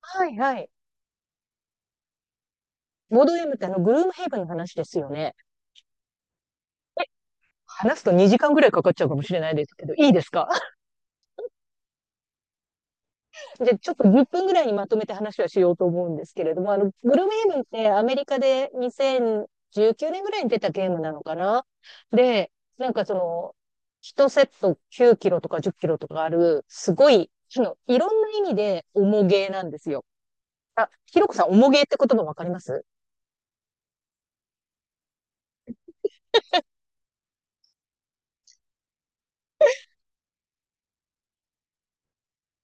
はいはい。ボードゲームってグルームヘイブンの話ですよね。話すと2時間ぐらいかかっちゃうかもしれないですけど、いいですか？ じゃあちょっと10分ぐらいにまとめて話はしようと思うんですけれども、グルームヘイブンってアメリカで2019年ぐらいに出たゲームなのかな。で、なんかその、1セット9キロとか10キロとかある、すごい、いろんな意味で重ゲーなんですよ。あ、ひろこさん、重ゲーって言葉わかります？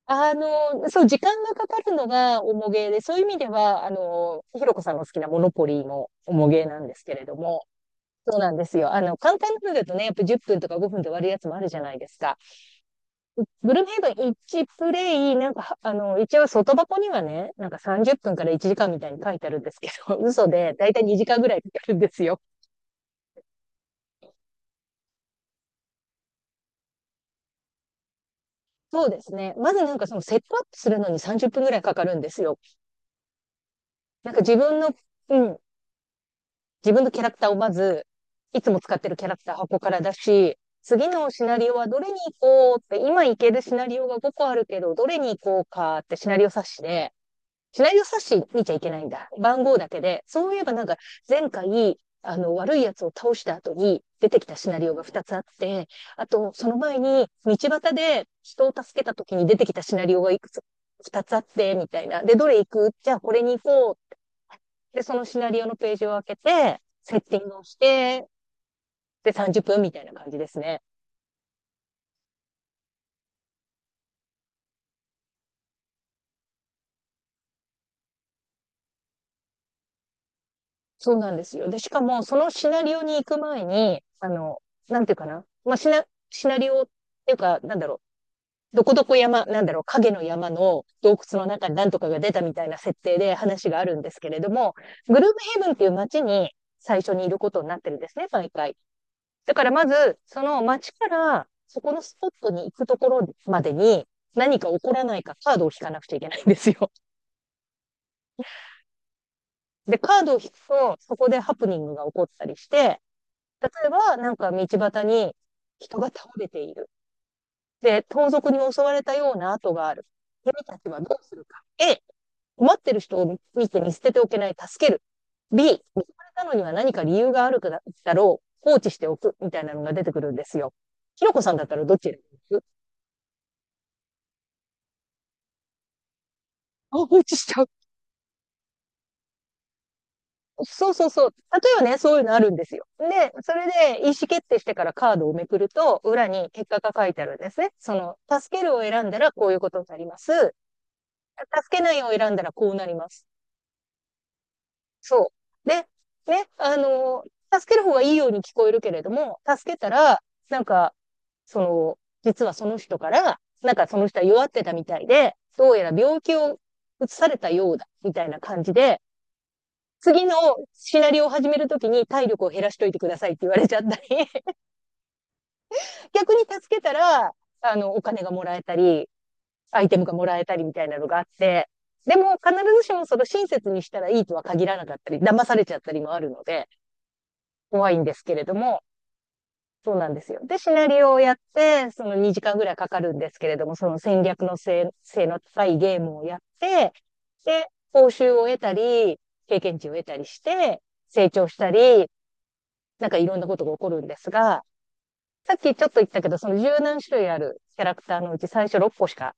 そう、時間がかかるのが重げで、そういう意味では、ひろこさんの好きなモノポリーも重げなんですけれども、そうなんですよ。簡単なのだとね、やっぱ10分とか5分で終わるやつもあるじゃないですか。ブルームヘイブン1プレイ、なんか、一応外箱にはね、なんか30分から1時間みたいに書いてあるんですけど、嘘で、だいたい2時間ぐらいかかるんですよ。そうですね。まずなんかそのセットアップするのに30分ぐらいかかるんですよ。なんか自分の、うん、自分のキャラクターをまず、いつも使ってるキャラクター箱から出し、次のシナリオはどれに行こうって、今行けるシナリオが5個あるけど、どれに行こうかってシナリオ冊子で、シナリオ冊子見ちゃいけないんだ。番号だけで。そういえばなんか、前回、悪いやつを倒した後に出てきたシナリオが2つあって、あと、その前に、道端で人を助けた時に出てきたシナリオがいくつ、2つあって、みたいな。で、どれ行く？じゃあこれに行こう。で、そのシナリオのページを開けて、セッティングをして、で、30分みたいな感じですね。そうなんですよ。で、しかも、そのシナリオに行く前に、なんていうかな。まあ、シナリオっていうか、なんだろう。どこどこ山、なんだろう、影の山の洞窟の中に何とかが出たみたいな設定で話があるんですけれども、グルーブヘブンっていう街に最初にいることになってるんですね、毎回。だからまず、その街からそこのスポットに行くところまでに何か起こらないかカードを引かなくちゃいけないんですよ。で、カードを引くと、そこでハプニングが起こったりして、例えばなんか道端に人が倒れている。で、盗賊に襲われたような跡がある。君たちはどうするか。A、困ってる人を見て見捨てておけない、助ける。B、見つかれたのには何か理由があるだろう、放置しておく、みたいなのが出てくるんですよ。ひろこさんだったらどっち選びます？落ちしちゃう。そうそうそう。例えばね、そういうのあるんですよ。で、それで意思決定してからカードをめくると、裏に結果が書いてあるんですね。その、助けるを選んだらこういうことになります。助けないを選んだらこうなります。そう。で、ね、助ける方がいいように聞こえるけれども、助けたら、なんか、その、実はその人から、なんかその人は弱ってたみたいで、どうやら病気を移されたようだ、みたいな感じで、次のシナリオを始めるときに体力を減らしといてくださいって言われちゃったり、逆に助けたら、お金がもらえたり、アイテムがもらえたりみたいなのがあって、でも必ずしもその親切にしたらいいとは限らなかったり、騙されちゃったりもあるので、怖いんですけれども、そうなんですよ。で、シナリオをやって、その2時間ぐらいかかるんですけれども、その戦略の性性の高いゲームをやって、で、報酬を得たり、経験値を得たりして、成長したり、なんかいろんなことが起こるんですが、さっきちょっと言ったけど、その十何種類あるキャラクターのうち最初6個しか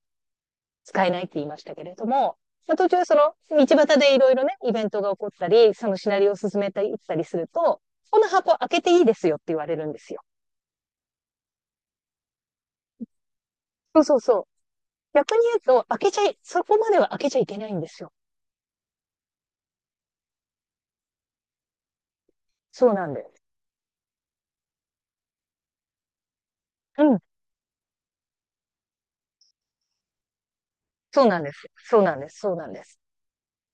使えないって言いましたけれども、まあ、途中その道端でいろいろね、イベントが起こったり、そのシナリオを進めていったりすると、この箱開けていいですよって言われるんですよ。そうそうそう。逆に言うと、開けちゃい、そこまでは開けちゃいけないんですよ。そうなんです。うん。そうなんです。そうなんです。そうなんです。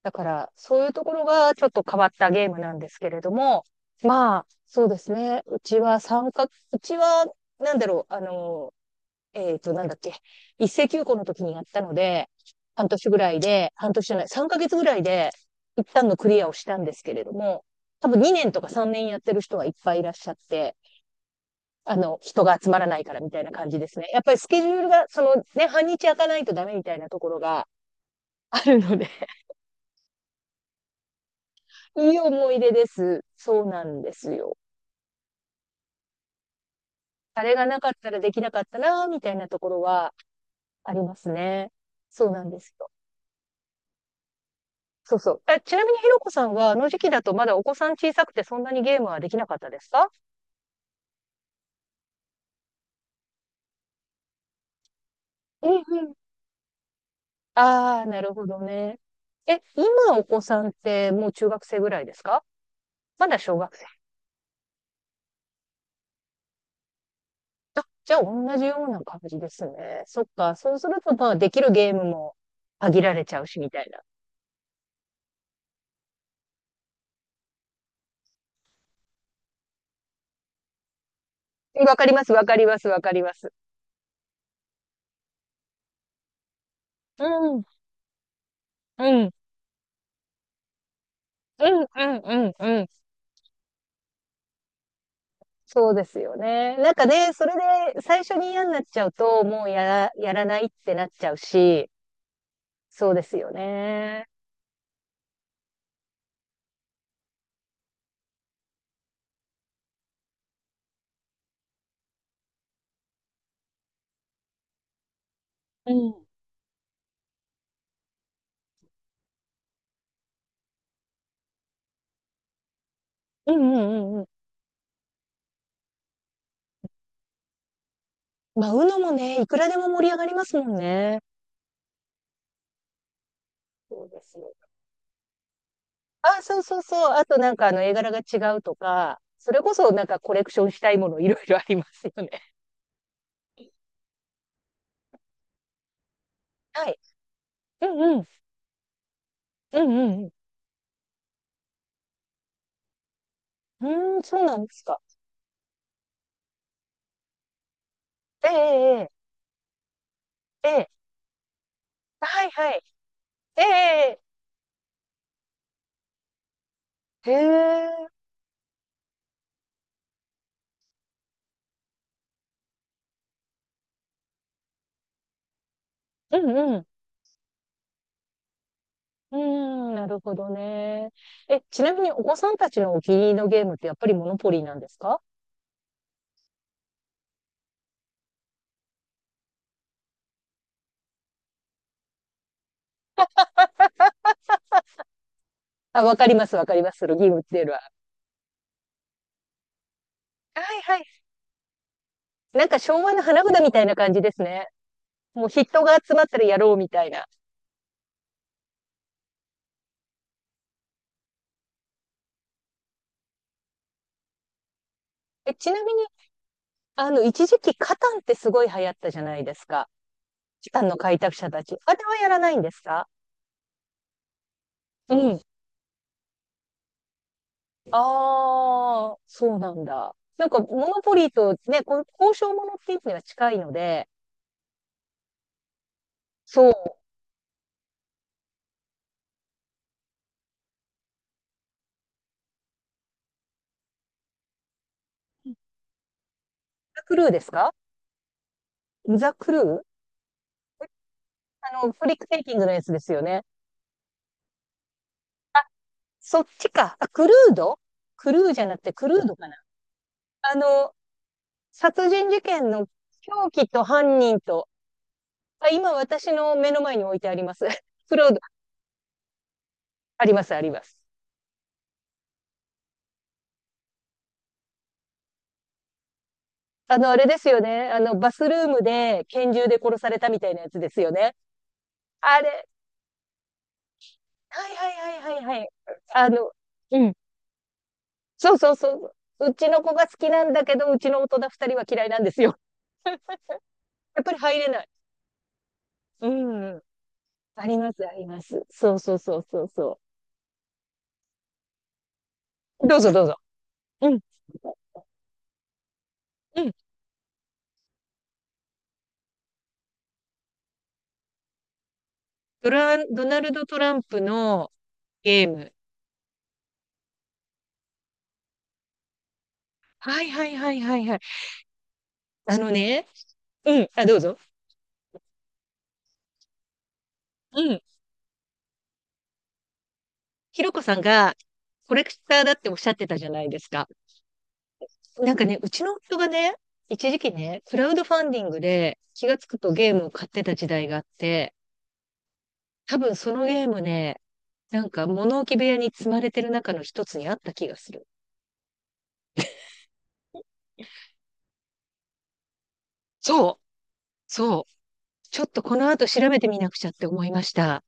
だから、そういうところがちょっと変わったゲームなんですけれども、まあ、そうですね。うちは、なんだろう、なんだっけ、一斉休校の時にやったので、半年ぐらいで、半年じゃない、3ヶ月ぐらいで、一旦のクリアをしたんですけれども、多分2年とか3年やってる人はいっぱいいらっしゃって、人が集まらないからみたいな感じですね。やっぱりスケジュールが、そのね、半日開かないとダメみたいなところがあるので。いい思い出です。そうなんですよ。あれがなかったらできなかったな、みたいなところはありますね。そうなんですよ。そうそう。え、ちなみにひろこさんは、あの時期だとまだお子さん小さくてそんなにゲームはできなかったですか？うんうん。ああ、なるほどね。え、今お子さんってもう中学生ぐらいですか？まだ小学生。あ、じゃあ同じような感じですね。そっか。そうすると、まあ、できるゲームも限られちゃうし、みたいな。わかります、わかります、わかります。うん。うん。うんうんうんうん。そうですよね。なんかね、それで最初に嫌になっちゃうと、もうやら、やらないってなっちゃうし、そうですよね。うん。うんうんうんうん。まあ、u n もね、いくらでも盛り上がりますもんね。そうですよ。あ、そうそうそう。あとなんかあの絵柄が違うとか、それこそなんかコレクションしたいものいろいろありますよね。はい。うんうん。うんうんうん。うーん、そうなんですか。ええええええ。はいはい。ええええ。へえ。うんうん。うーん、なるほどね。え、ちなみにお子さんたちのお気に入りのゲームってやっぱりモノポリーなんですか？あ、わかります、わかります。そのゲームっていうのは。はいはい。なんか昭和の花札みたいな感じですね。もう人が集まったらやろうみたいな。え、ちなみに、一時期カタンってすごい流行ったじゃないですか。カタンの開拓者たち。あれはやらないんですか？うん。ああ、そうなんだ。なんか、モノポリーとね、こう交渉ものっていうのは近いので、そう。ザ・クルーですか？ザ・クルー。フリックテイキングのやつですよね。そっちか。あ、クルード。クルーじゃなくてクルードかな。あの、殺人事件の凶器と犯人と。あ、今私の目の前に置いてあります。クルード、あります、あります。あれですよね。バスルームで拳銃で殺されたみたいなやつですよね。あれ、はいはいはいはいはい。あの、うん。そうそうそう。うちの子が好きなんだけど、うちの大人二人は嫌いなんですよ。やっぱり入れない。うん。あります、あります。そうそうそうそうそう。どうぞどうぞ。うん、うん。ドナルド・トランプのゲーム。はいはいはいはいはい。あのね、うん、あ、どうぞ。うん。ひろこさんがコレクターだっておっしゃってたじゃないですか。なんかね、うちの夫がね、一時期ね、クラウドファンディングで気がつくとゲームを買ってた時代があって、多分そのゲームね、なんか物置部屋に積まれてる中の一つにあった気がする。そう、そう。ちょっとこの後調べてみなくちゃって思いました。